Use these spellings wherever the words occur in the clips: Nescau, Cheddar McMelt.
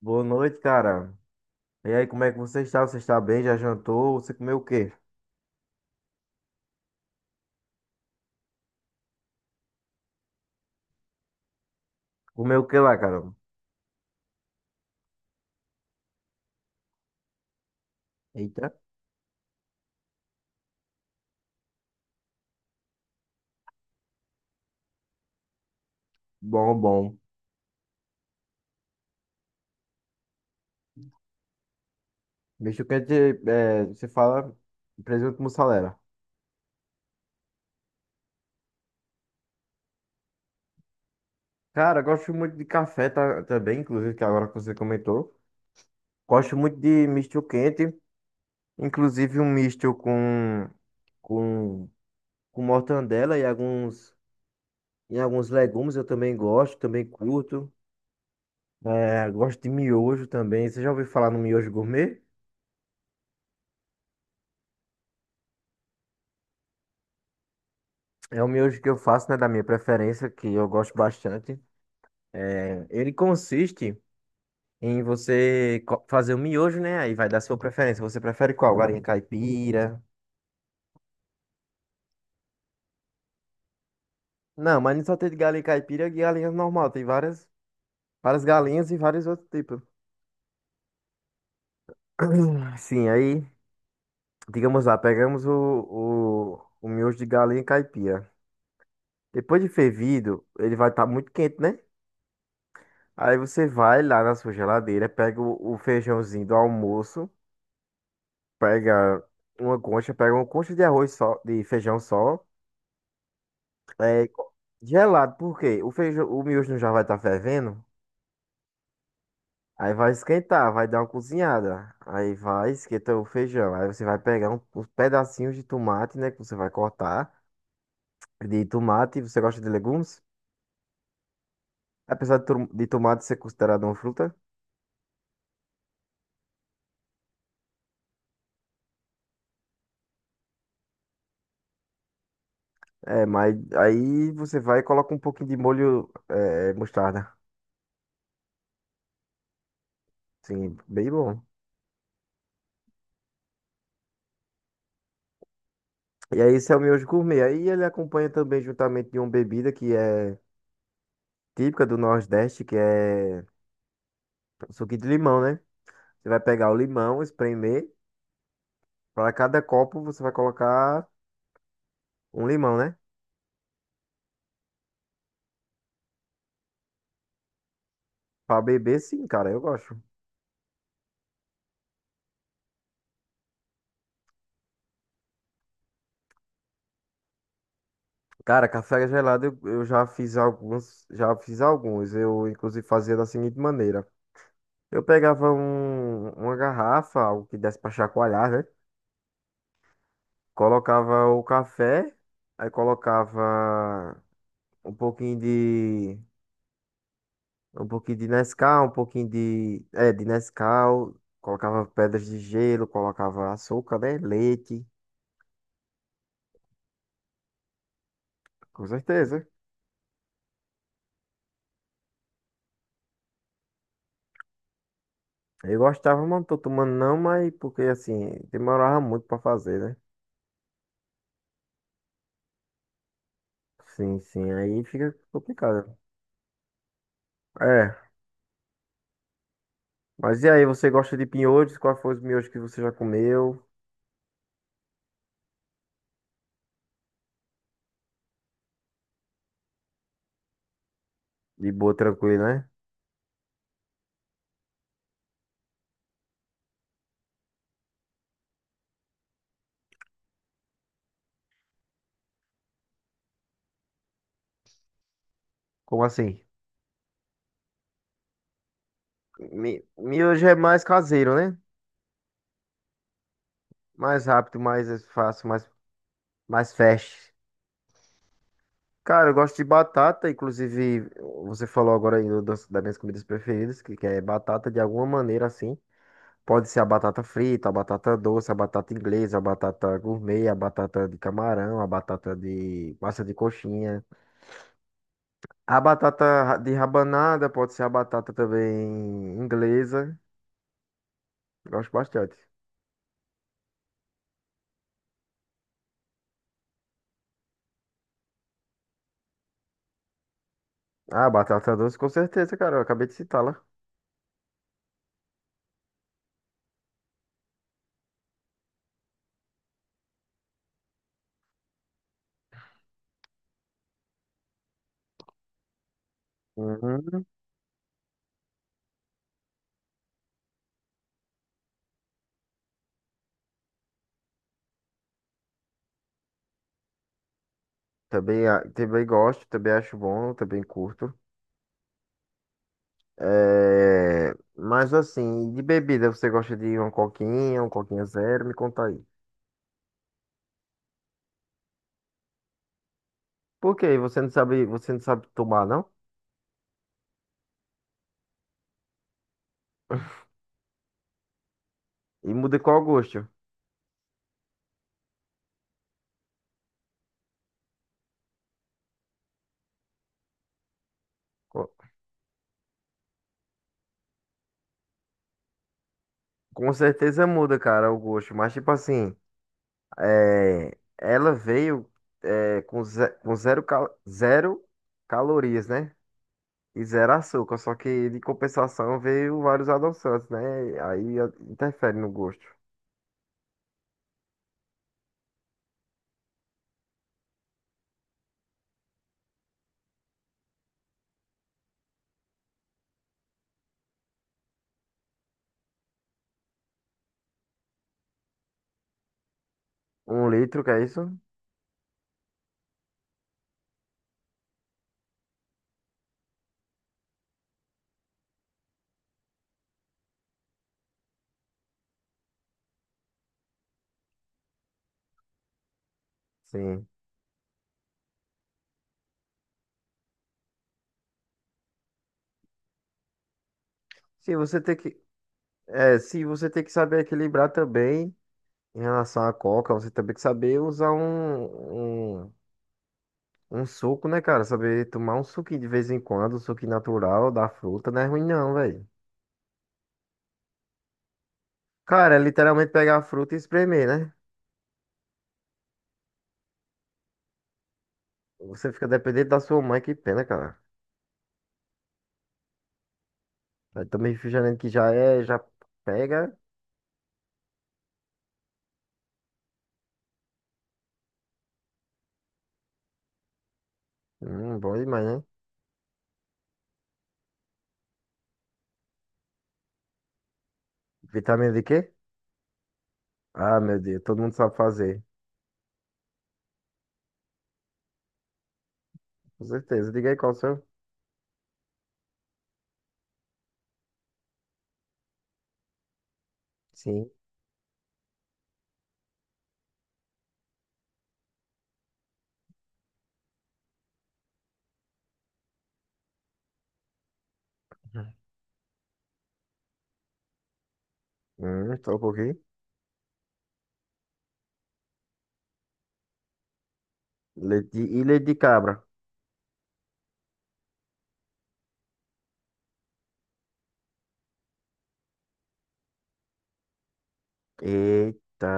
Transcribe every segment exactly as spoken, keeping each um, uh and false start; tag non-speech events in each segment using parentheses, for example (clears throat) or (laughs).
Boa noite, cara. E aí, como é que você está? Você está bem? Já jantou? Você comeu o quê? Comeu o quê lá, cara? Eita, bom, bom. Bicho quente, é, você fala presunto mussarela. Cara, eu gosto muito de café tá, também, inclusive, que agora que você comentou. Gosto muito de misto quente, inclusive um misto com, com, com mortandela e alguns, e alguns legumes eu também gosto, também curto. É, gosto de miojo também. Você já ouviu falar no miojo gourmet? É o miojo que eu faço, né, da minha preferência, que eu gosto bastante. É, ele consiste em você co- fazer o miojo, né? Aí vai dar sua preferência. Você prefere qual? Galinha caipira? Não, mas não só tem de galinha caipira e galinha normal. Tem várias, várias galinhas e vários outros tipos. (clears throat) Sim, aí, digamos lá, pegamos o, o, o miojo de galinha caipira. Depois de fervido, ele vai estar muito quente, né? Aí você vai lá na sua geladeira, pega o, o feijãozinho do almoço. Pega uma concha, pega uma concha de arroz só, de feijão só, é, co- gelado, por quê? O feijão, o miojo não já vai estar fervendo? Aí vai esquentar, vai dar uma cozinhada. Aí vai esquentar o feijão. Aí você vai pegar um- uns pedacinhos de tomate, né? Que você vai cortar. De tomate, você gosta de legumes? Apesar de, tom- de tomate ser considerado uma fruta. É, mas aí você vai e coloca um pouquinho de molho, é, mostarda. Sim, bem bom. E aí, esse é o miojo gourmet. Aí ele acompanha também juntamente de uma bebida que é típica do Nordeste, que é o suco de limão, né? Você vai pegar o limão, espremer. Para cada copo você vai colocar um limão, né? Para beber, sim, cara, eu gosto. Cara, café gelado eu, eu já fiz alguns, já fiz alguns. Eu inclusive fazia da seguinte maneira. Eu pegava um, uma garrafa, algo que desse para chacoalhar, né? Colocava o café, aí colocava um pouquinho de um pouquinho de Nescau, um pouquinho de. É, de Nescau. Colocava pedras de gelo, colocava açúcar, né? Leite. Com certeza. Eu gostava, mas não tô tomando não, mas porque assim, demorava muito pra fazer, né? Sim, sim, aí fica complicado. É, mas e aí, você gosta de pinhões? Qual foi os miojos que você já comeu? De boa, tranquilo, né? Como assim? Mi- Miojo é mais caseiro, né? Mais rápido, mais fácil, mais, mais fast. Cara, eu gosto de batata, inclusive você falou agora aí do- das, das minhas comidas preferidas, que, que é batata de alguma maneira assim. Pode ser a batata frita, a batata doce, a batata inglesa, a batata gourmet, a batata de camarão, a batata de massa de coxinha. A batata ra- de rabanada pode ser a batata também inglesa. Gosto bastante. Ah, batata doce, com certeza, cara. Eu acabei de citá-la. Uhum. Também, a- também gosto, também acho bom, também curto. É, mas assim, de bebida, você gosta de uma coquinha, um coquinha zero? Me conta aí. Por quê? Você não sabe, você não sabe tomar, não? E muda qual gosto? Co- Com certeza muda, cara, o gosto. Mas tipo assim, é, ela veio é, com, ze- com zero, cal- zero calorias, né? E zero açúcar. Só que de compensação veio vários adoçantes, né? Aí a- interfere no gosto. Um litro, que é isso? Sim. Sim, você tem que É, se você tem que saber equilibrar também em relação à coca, você também tem que saber usar um, um, um suco, né, cara? Saber tomar um suquinho de vez em quando, um suquinho natural da fruta, não é ruim não, velho. Cara, é literalmente pegar a fruta e espremer, né? Você fica dependente da sua mãe, que pena, cara. Aí também refrigerante que já é, já pega. Hum, bom demais, né? Vitamina de quê? Ah, meu Deus, todo mundo sabe fazer. Com certeza. Diga aí qual o seu. Sim. Hum, só um pouquinho. Leite de- e leite de cabra. Eita,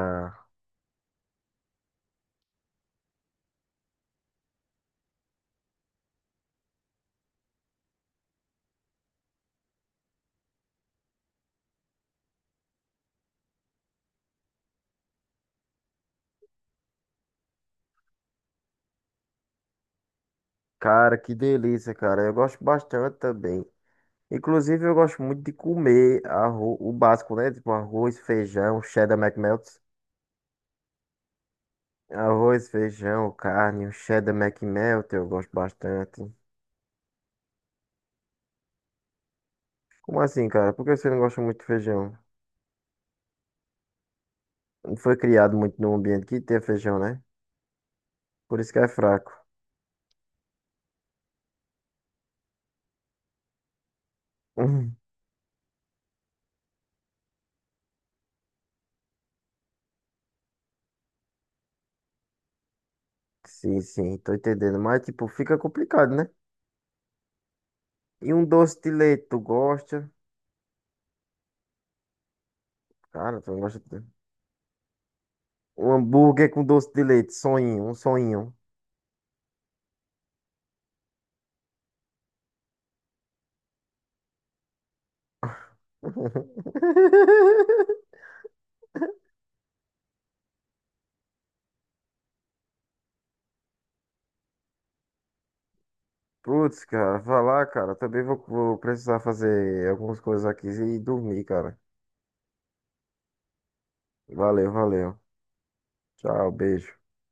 cara, que delícia, cara. Eu gosto bastante também. Inclusive, eu gosto muito de comer arro- o básico, né? Tipo arroz, feijão, cheddar McMelt. Arroz, feijão, carne, o cheddar McMelt, eu gosto bastante. Como assim, cara? Por que você não gosta muito de feijão? Não foi criado muito num ambiente que tem feijão, né? Por isso que é fraco. (laughs) Hum, sim, sim, tô entendendo. Mas, tipo, fica complicado, né? E um doce de leite, tu gosta? Cara, tu não gosta. Um hambúrguer com doce de leite, sonhinho, um sonhinho. (laughs) Putz, cara, vai lá, cara. Também vou, vou precisar fazer algumas coisas aqui e dormir, cara. Valeu, valeu. Tchau, beijo.